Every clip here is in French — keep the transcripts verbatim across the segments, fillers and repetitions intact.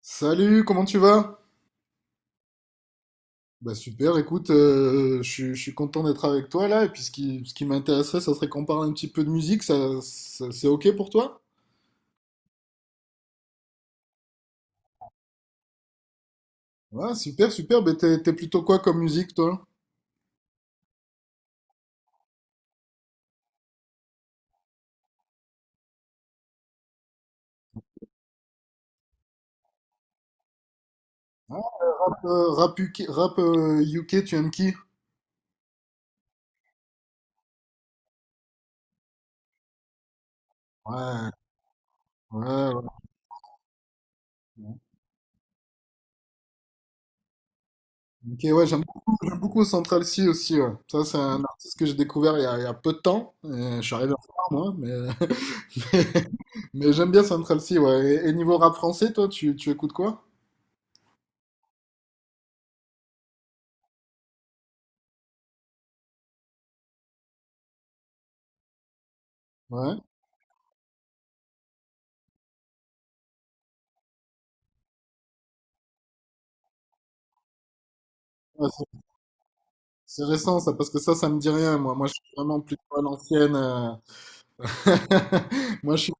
Salut, comment tu vas? Bah super, écoute, euh, je suis je suis content d'être avec toi là, et puis ce qui, ce qui m'intéresserait, ça serait qu'on parle un petit peu de musique, ça, ça- c'est ok pour toi? Ouais, super, super, bah t'es t'es plutôt quoi comme musique toi? Rap, euh, rap U K, rap, euh, U K, tu aimes qui? Ouais, ouais, ouais. Ok, ouais, j'aime beaucoup, j'aime beaucoup Central C aussi, ouais. Ça, c'est un artiste que j'ai découvert il y a, il y a peu de temps, et je suis arrivé en retard moi, mais, mais, mais j'aime bien Central C, ouais. Et, et niveau rap français, toi, tu, tu écoutes quoi? Ouais. ouais, c'est récent ça, parce que ça, ça me dit rien, moi. Moi, je suis vraiment plutôt à l'ancienne. Euh. Moi, je suis...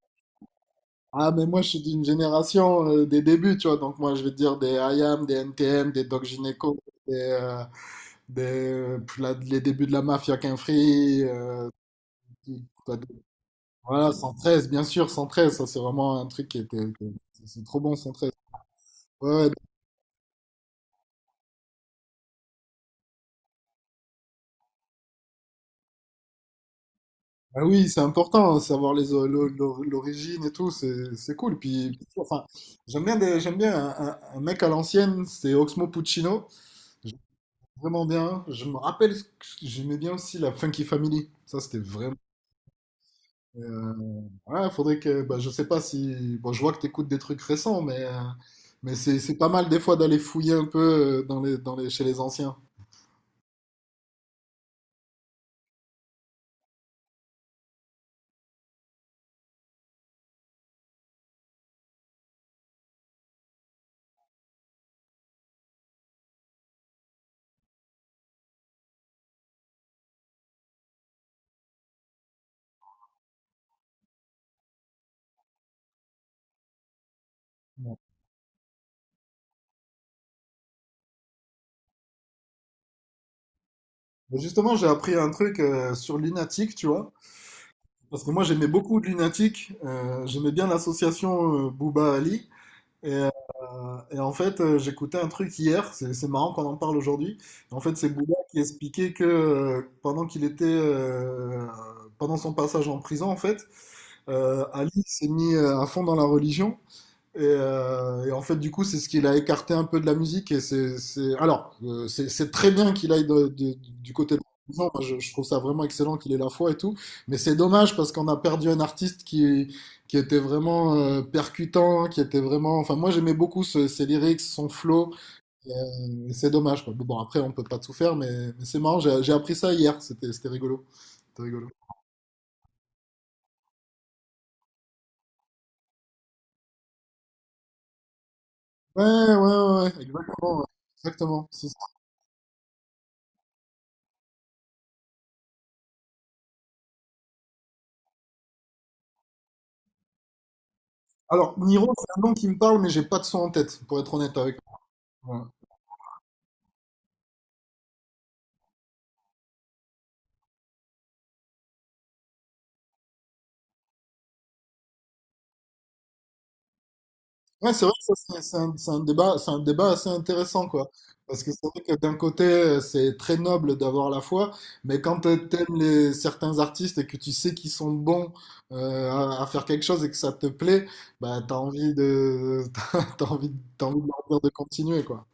Ah, mais moi, je suis d'une génération euh, des débuts, tu vois. Donc, moi, je vais te dire des IAM, des N T M, des Doc Gynéco, des, euh, des, euh, la- les débuts de la mafia Quinfri. Euh, tout- quoi d'autre. Voilà, un un trois, bien sûr, un un trois. Ça, c'est vraiment un truc qui était... qui- C'est trop bon, un un trois. Ouais, ouais, ah oui, c'est important, savoir les o- l'o- l'o- l'origine et tout, c'est c'est cool. Puis, enfin, j'aime bien, des- j'aime bien un, un- un mec à l'ancienne, c'est Oxmo Puccino. J'aime vraiment bien. Je me rappelle, que j'aimais bien aussi la Funky Family. Ça, c'était vraiment. Euh, ouais, faudrait que. Bah, je sais pas si. Bon, je vois que t'écoutes des trucs récents, mais, euh, mais c'est c'est pas mal des fois d'aller fouiller un peu euh, dans les, dans les, chez les anciens. Ouais. Mais justement, j'ai appris un truc euh, sur Lunatic, tu vois. Parce que moi, j'aimais beaucoup Lunatic. Euh, j'aimais bien l'association euh, Booba Ali. Et en fait, euh, j'écoutais un truc hier, c'est c'est marrant qu'on en parle aujourd'hui. En fait, c'est Bouddha qui expliquait que euh, pendant qu'il était, euh, pendant son passage en prison, en fait, euh, Ali s'est mis euh, à fond dans la religion et, euh, et en fait, du coup, c'est ce qu'il a écarté un peu de la musique. Et c'est, c'est- alors, euh, c'est c'est très bien qu'il aille de- de- du côté de l'argent. Moi, je, je trouve ça vraiment excellent qu'il ait la foi et tout. Mais c'est dommage parce qu'on a perdu un artiste qui, qui était vraiment euh, percutant, qui était vraiment. Enfin, moi, j'aimais beaucoup ce- ses lyrics, son flow. Et, euh, c'est dommage, quoi. Bon, après, on peut pas tout faire, mais, mais c'est marrant. J'ai j'ai appris ça hier. C'était, c'était rigolo. C'était rigolo. Ouais, ouais, ouais, ouais, exactement. Ouais. Exactement. C'est alors, Niro, c'est un nom qui me parle, mais j'ai pas de son en tête, pour être honnête avec toi. Ouais, c'est vrai que ça, c'est c'est un, c'est un débat, c'est un débat assez intéressant, quoi. Parce que c'est vrai que d'un côté, euh, c'est très noble d'avoir la foi, mais quand euh, t'aimes les, certains artistes et que tu sais qu'ils sont bons euh, à, à faire quelque chose et que ça te plaît, bah t'as envie de, t'as, t'as envie, de- t'as envie de leur dire de continuer, quoi.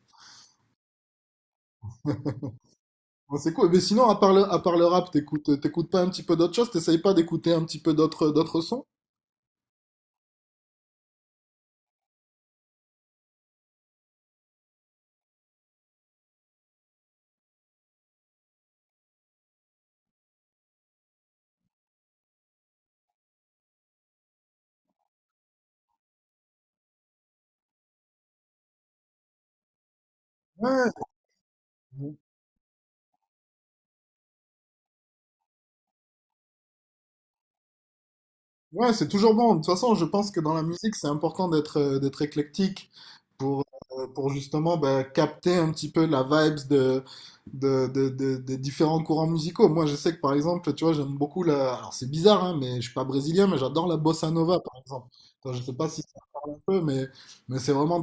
Bon, c'est cool. Mais sinon, à part le, à part le rap, t'écoutes, t'écoutes pas un petit peu d'autres choses? T'essayes pas d'écouter un petit peu d'autres, d'autres sons? Ouais. Ouais, c'est toujours bon. De toute façon, je pense que dans la musique, c'est important d'être euh, d'être éclectique pour euh, pour justement bah, capter un petit peu la vibes de de, de, de- des différents courants musicaux. Moi, je sais que par exemple, tu vois, j'aime beaucoup la. Alors c'est bizarre, hein, mais je suis pas brésilien, mais j'adore la bossa nova, par exemple. Enfin, je sais pas si ça parle un peu, mais mais c'est vraiment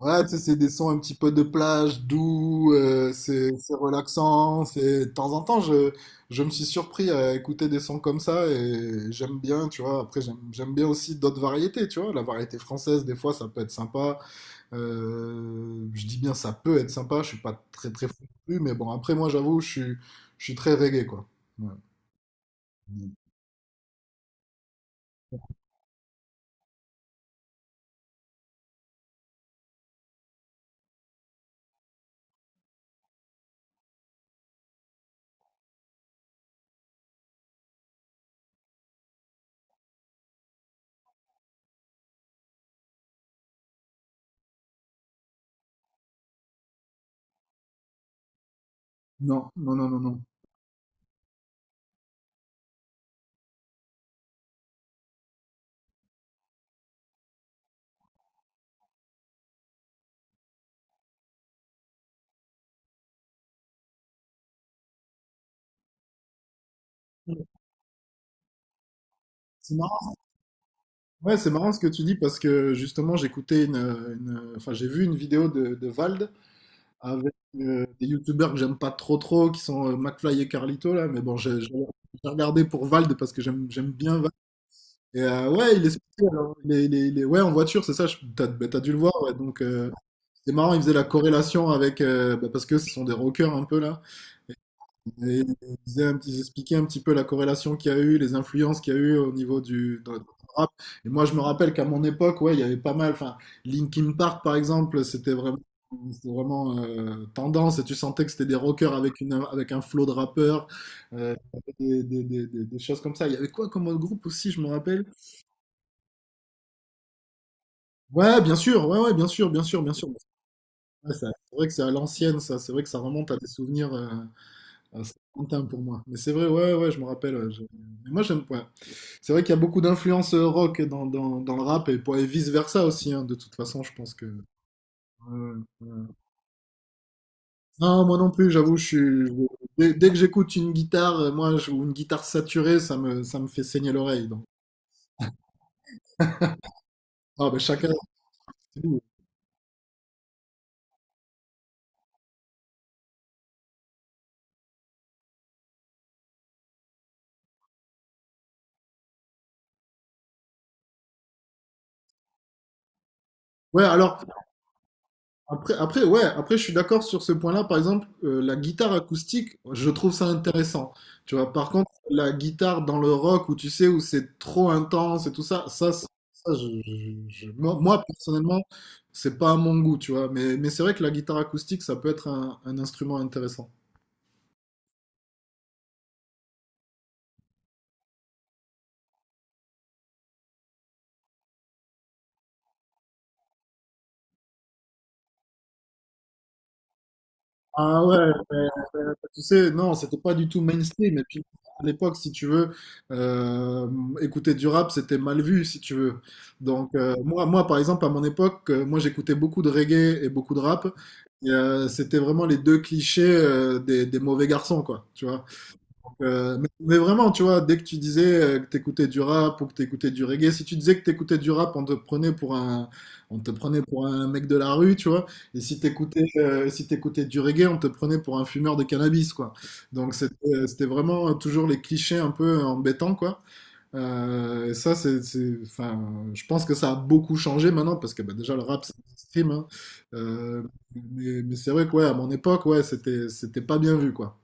ouais, tu sais, c'est des sons un petit peu de plage, doux, euh, c'est c'est relaxant. C'est... De temps en temps, je, je me suis surpris à écouter des sons comme ça et j'aime bien, tu vois. Après, j'aime, j'aime bien aussi d'autres variétés, tu vois. La variété française, des fois, ça peut être sympa. Euh, je dis bien ça peut être sympa, je suis pas très très fou non plus, mais bon, après, moi, j'avoue, je suis, je suis très reggae, quoi. Ouais. Non, non, non, non, non. C'est marrant. Ouais, c'est marrant ce que tu dis parce que justement, j'écoutais une, une- enfin, j'ai vu une vidéo de, de Vald avec euh, des youtubeurs que j'aime pas trop trop, qui sont euh, McFly et Carlito là, mais bon, j'ai j'ai- j'ai regardé pour Vald parce que j'aime j'aime bien Vald. Et euh, ouais, il est sorti, alors, il est- il est- il est- ouais, en voiture, c'est ça, je- t'as, bah, t'as dû le voir, ouais. Donc euh, c'est marrant, il faisait la corrélation avec, euh, bah, parce que ce sont des rockers un peu là, et il disait un petit, il expliquait un petit peu la corrélation qu'il y a eu, les influences qu'il y a eu au niveau du dans- dans le rap. Et moi, je me rappelle qu'à mon époque, ouais, il y avait pas mal. Enfin, Linkin Park, par exemple, c'était vraiment, c'était vraiment euh, tendance. Et tu sentais que c'était des rockers avec une, avec un flow de rappeurs, euh, des, des, des, des- des choses comme ça. Il y avait quoi comme autre groupe aussi, je me rappelle? Ouais, bien sûr, ouais, ouais, bien sûr, bien sûr, bien sûr. Ouais, ça- c'est vrai que c'est à l'ancienne, ça. C'est vrai que ça remonte à des souvenirs. Euh, ah, c'est lointain pour moi. Mais c'est vrai, ouais, ouais, ouais, je me rappelle. Ouais, je- mais moi, j'aime. Ouais. C'est vrai qu'il y a beaucoup d'influences euh, rock dans, dans, dans le rap et, pour- et vice-versa aussi. Hein, de toute façon, je pense que. Ouais, ouais. Non, moi non plus, j'avoue, je suis. Je- dès, dès que j'écoute une guitare, euh, moi, je- ou une guitare saturée, ça me, ça me fait saigner l'oreille. Donc. Ah, ben chacun. C'est nous. Ouais, alors, Après, après, ouais, après, je suis d'accord sur ce point-là. Par exemple, euh, la guitare acoustique, je trouve ça intéressant. Tu vois, par contre, la guitare dans le rock où tu sais, où c'est trop intense et tout ça, ça, c'est- ça, je- je- je- moi, moi, personnellement, c'est pas à mon goût, tu vois. Mais, mais c'est vrai que la guitare acoustique, ça peut être un, un instrument intéressant. Ah ouais, mais, euh, tu sais, non, c'était pas du tout mainstream. Et puis, à l'époque, si tu veux, euh, écouter du rap, c'était mal vu, si tu veux. Donc, euh, moi, moi, par exemple, à mon époque, euh, moi, j'écoutais beaucoup de reggae et beaucoup de rap. Et, euh, c'était vraiment les deux clichés, euh, des, des mauvais garçons, quoi, tu vois. Euh, mais, mais vraiment, tu vois, dès que tu disais euh, que t'écoutais du rap ou que t'écoutais du reggae, si tu disais que t'écoutais du rap, on te prenait pour un, on te prenait pour un mec de la rue, tu vois. Et si t'écoutais, euh, si t'écoutais du reggae, on te prenait pour un fumeur de cannabis, quoi. Donc c'était, euh, c'était vraiment euh, toujours les clichés un peu embêtants, quoi. Euh, et ça, c'est, c'est- enfin, je pense que ça a beaucoup changé maintenant parce que bah, déjà le rap, c'est mainstream, hein. Euh, mais, mais c'est vrai que ouais, à mon époque, ouais, c'était, c'était pas bien vu, quoi.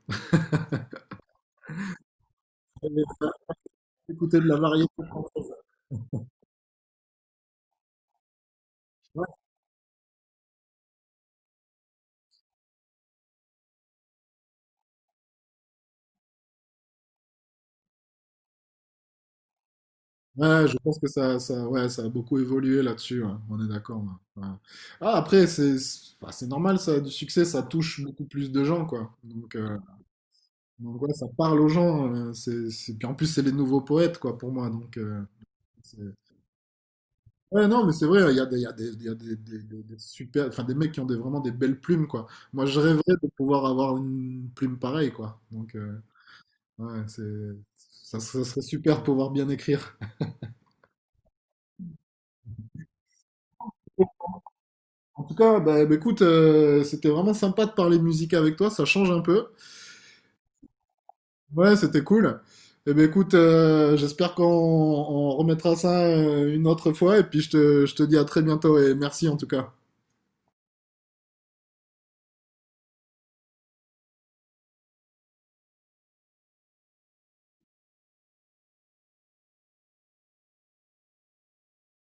Écouter de la variété. Ouais, ouais, je pense que ça, ça, ouais, ça a beaucoup évolué là-dessus, ouais. On est d'accord. Ouais. Ouais. Ah, après, c'est c'est bah, c'est normal, ça a du succès, ça touche beaucoup plus de gens, quoi. Donc, euh, donc, ouais, ça parle aux gens. euh, c'est, c'est- Puis en plus, c'est les nouveaux poètes, quoi, pour moi. Donc, euh, c'est- ouais, non, mais c'est vrai, il y a des, il y a des, il y a des, des- des- des super, enfin, des mecs qui ont des, vraiment des belles plumes, quoi. Moi, je rêverais de pouvoir avoir une plume pareille, quoi. Donc, euh, ouais, c'est, ça, ça serait super de pouvoir bien écrire. En tout cas, bah, bah, écoute, euh, c'était vraiment sympa de parler musique avec toi, ça change un peu. Ouais, c'était cool. Eh ben écoute, euh, j'espère qu'on on remettra ça euh, une autre fois et puis je te, je te dis à très bientôt et merci en tout cas.